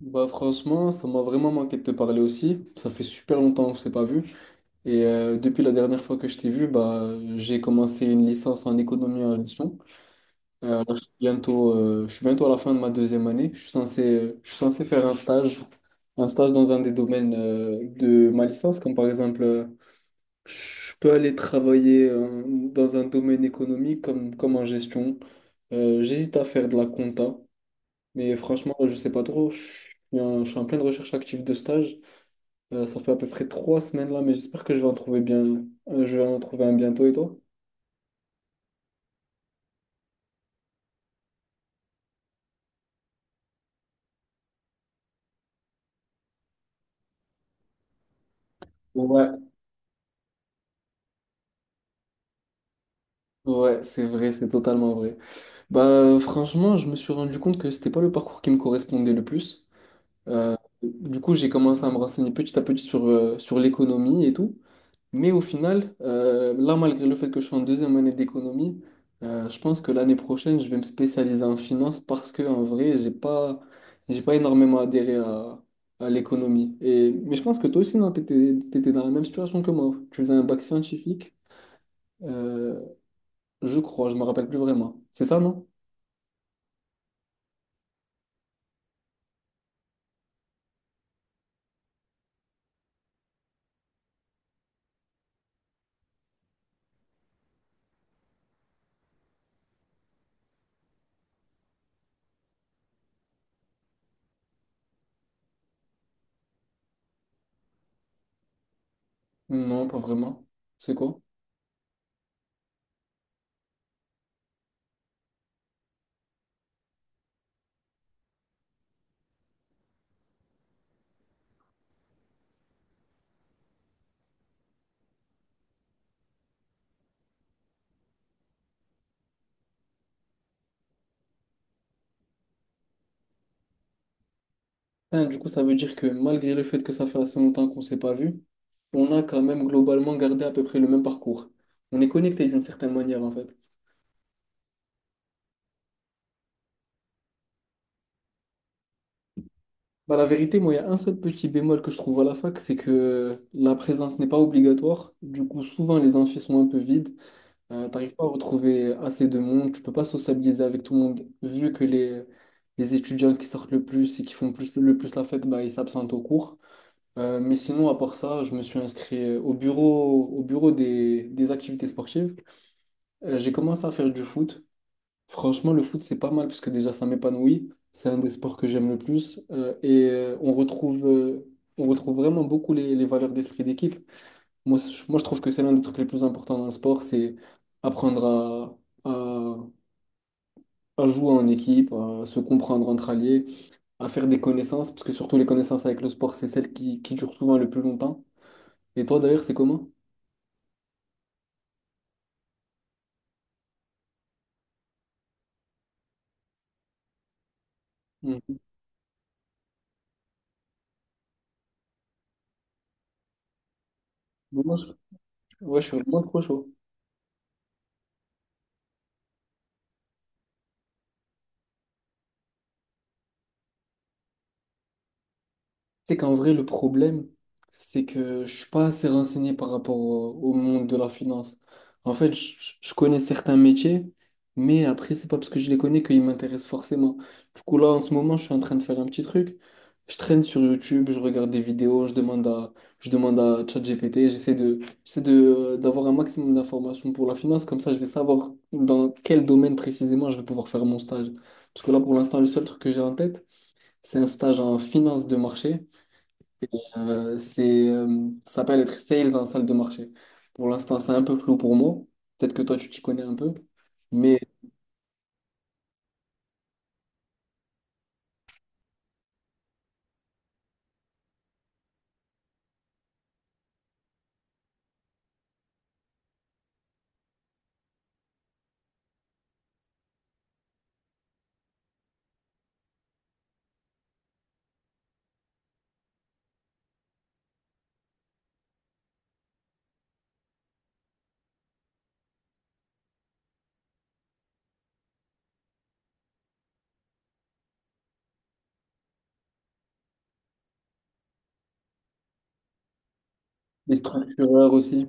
Bah franchement, ça m'a vraiment manqué de te parler aussi. Ça fait super longtemps que je t'ai pas vu. Et depuis la dernière fois que je t'ai vu, bah j'ai commencé une licence en économie en gestion. Là, je suis bientôt à la fin de ma deuxième année. Je suis censé faire un stage dans un des domaines de ma licence, comme par exemple, je peux aller travailler dans un domaine économique comme en gestion. J'hésite à faire de la compta. Mais franchement, je sais pas trop. Je suis en pleine recherche active de stage. Ça fait à peu près 3 semaines là, mais j'espère que je vais en trouver bien. Je vais en trouver un bientôt, et toi? Ouais, ouais, c'est vrai, c'est totalement vrai. Bah franchement, je me suis rendu compte que c'était pas le parcours qui me correspondait le plus. Euh, du coup, j'ai commencé à me renseigner petit à petit sur l'économie et tout. Mais au final, là, malgré le fait que je suis en deuxième année d'économie, je pense que l'année prochaine, je vais me spécialiser en finance, parce que en vrai, j'ai pas énormément adhéré à l'économie. Et, mais je pense que toi aussi, non, t'étais dans la même situation que moi. Tu faisais un bac scientifique, euh, je crois, je me rappelle plus vraiment. C'est ça, non? Non, pas vraiment. C'est quoi? Ah, du coup, ça veut dire que malgré le fait que ça fait assez longtemps qu'on s'est pas vu, on a quand même globalement gardé à peu près le même parcours. On est connecté d'une certaine manière, en fait. Bah, la vérité, moi, il y a un seul petit bémol que je trouve à la fac, c'est que la présence n'est pas obligatoire. Du coup, souvent, les amphis sont un peu vides. T'arrives pas à retrouver assez de monde. Tu peux pas sociabiliser avec tout le monde. Vu que les étudiants qui sortent le plus et qui font plus, le plus la fête, bah, ils s'absentent au cours. Mais sinon, à part ça, je me suis inscrit au bureau des activités sportives. J'ai commencé à faire du foot. Franchement, le foot, c'est pas mal parce que déjà, ça m'épanouit. C'est un des sports que j'aime le plus. On retrouve, on retrouve vraiment beaucoup les valeurs d'esprit d'équipe. Moi, je trouve que c'est l'un des trucs les plus importants dans le sport, c'est apprendre à, à, à jouer en équipe, à se comprendre entre alliés, à faire des connaissances, parce que surtout les connaissances avec le sport, c'est celles qui durent souvent le plus longtemps. Et toi, d'ailleurs, c'est comment? Mm. Moi, je, ouais, je suis vraiment trop chaud. C'est qu'en vrai, le problème, c'est que je suis pas assez renseigné par rapport au monde de la finance. En fait, je connais certains métiers, mais après, c'est pas parce que je les connais qu'ils m'intéressent forcément. Du coup, là, en ce moment, je suis en train de faire un petit truc. Je traîne sur YouTube, je regarde des vidéos, je demande à ChatGPT, j'essaie de, d'avoir un maximum d'informations pour la finance, comme ça, je vais savoir dans quel domaine précisément je vais pouvoir faire mon stage. Parce que là, pour l'instant, le seul truc que j'ai en tête, c'est un stage en finance de marché. Ça s'appelle être sales en salle de marché. Pour l'instant, c'est un peu flou pour moi. Peut-être que toi, tu t'y connais un peu. Mais les structureurs aussi.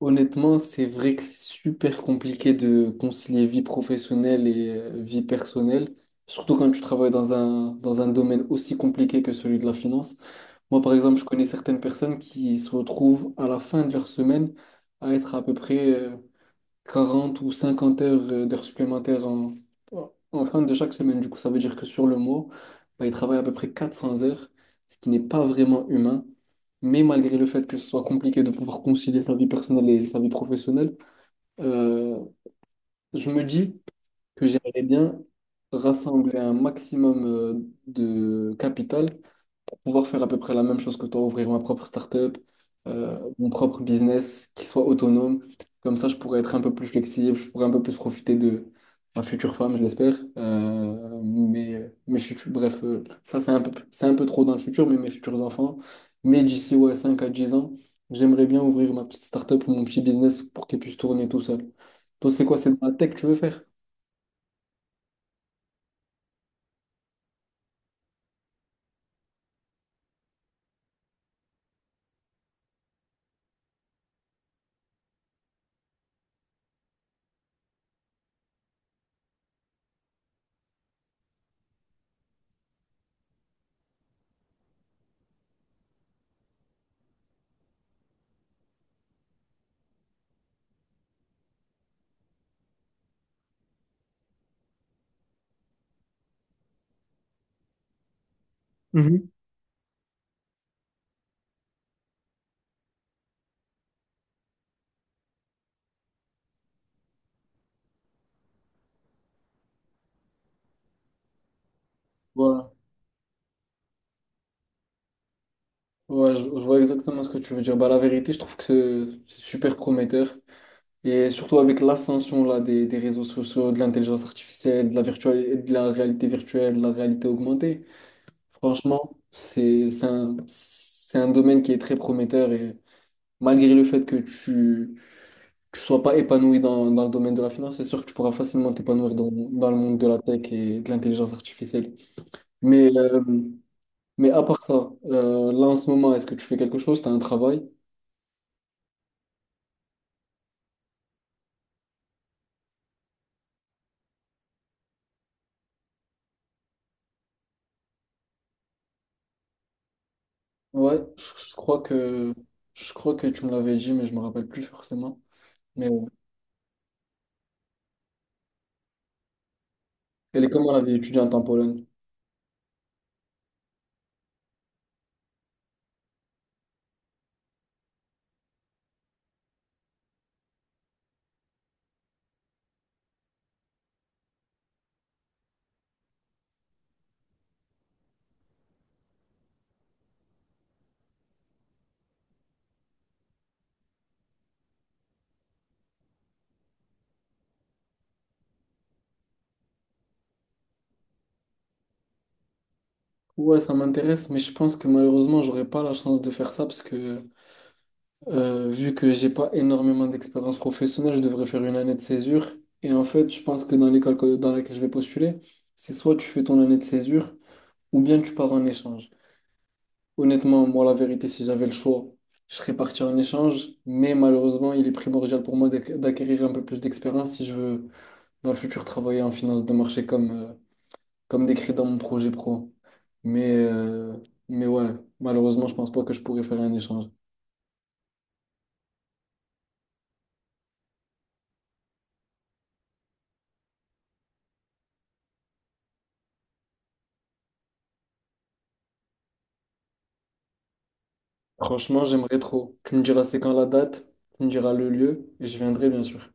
Honnêtement, c'est vrai que c'est super compliqué de concilier vie professionnelle et vie personnelle, surtout quand tu travailles dans un domaine aussi compliqué que celui de la finance. Moi, par exemple, je connais certaines personnes qui se retrouvent à la fin de leur semaine à être à peu près 40 ou 50 heures d'heures supplémentaires en fin de chaque semaine. Du coup, ça veut dire que sur le mois, bah, il travaille à peu près 400 heures, ce qui n'est pas vraiment humain. Mais malgré le fait que ce soit compliqué de pouvoir concilier sa vie personnelle et sa vie professionnelle, euh, je me dis que j'aimerais bien rassembler un maximum de capital, pouvoir faire à peu près la même chose que toi, ouvrir ma propre start-up, mon propre business qui soit autonome. Comme ça, je pourrais être un peu plus flexible, je pourrais un peu plus profiter de ma future femme, je l'espère. Mes futurs, bref, ça c'est un peu trop dans le futur, mais mes futurs enfants. Mais d'ici ouais, 5 à 10 ans, j'aimerais bien ouvrir ma petite start-up ou mon petit business pour qu'elle puisse tourner tout seul. Toi, c'est quoi? C'est dans la tech que tu veux faire? Mhm. Voilà, ouais, je vois exactement ce que tu veux dire. Bah, la vérité, je trouve que c'est super prometteur. Et surtout avec l'ascension là, des réseaux sociaux, de l'intelligence artificielle, de la virtuelle, de la réalité virtuelle, de la réalité augmentée, franchement, c'est un domaine qui est très prometteur. Et malgré le fait que tu sois pas épanoui dans le domaine de la finance, c'est sûr que tu pourras facilement t'épanouir dans le monde de la tech et de l'intelligence artificielle. Mais, euh, mais à part ça, là en ce moment, est-ce que tu fais quelque chose? Tu as un travail? Ouais, je, je crois que, je crois que tu me l'avais dit, mais je me rappelle plus forcément. Mais ouais. Elle est comment la vie étudiante en Pologne? Ouais, ça m'intéresse, mais je pense que malheureusement, j'aurais pas la chance de faire ça parce que vu que j'ai pas énormément d'expérience professionnelle, je devrais faire une année de césure. Et en fait, je pense que dans laquelle je vais postuler, c'est soit tu fais ton année de césure ou bien tu pars en échange. Honnêtement, moi, la vérité, si j'avais le choix, je serais parti en échange, mais malheureusement, il est primordial pour moi d'acquérir un peu plus d'expérience si je veux dans le futur travailler en finance de marché comme décrit dans mon projet pro. Mais, euh, mais ouais, Malheureusement, je pense pas que je pourrais faire un échange. Franchement, j'aimerais trop. Tu me diras c'est quand la date, tu me diras le lieu, et je viendrai bien sûr.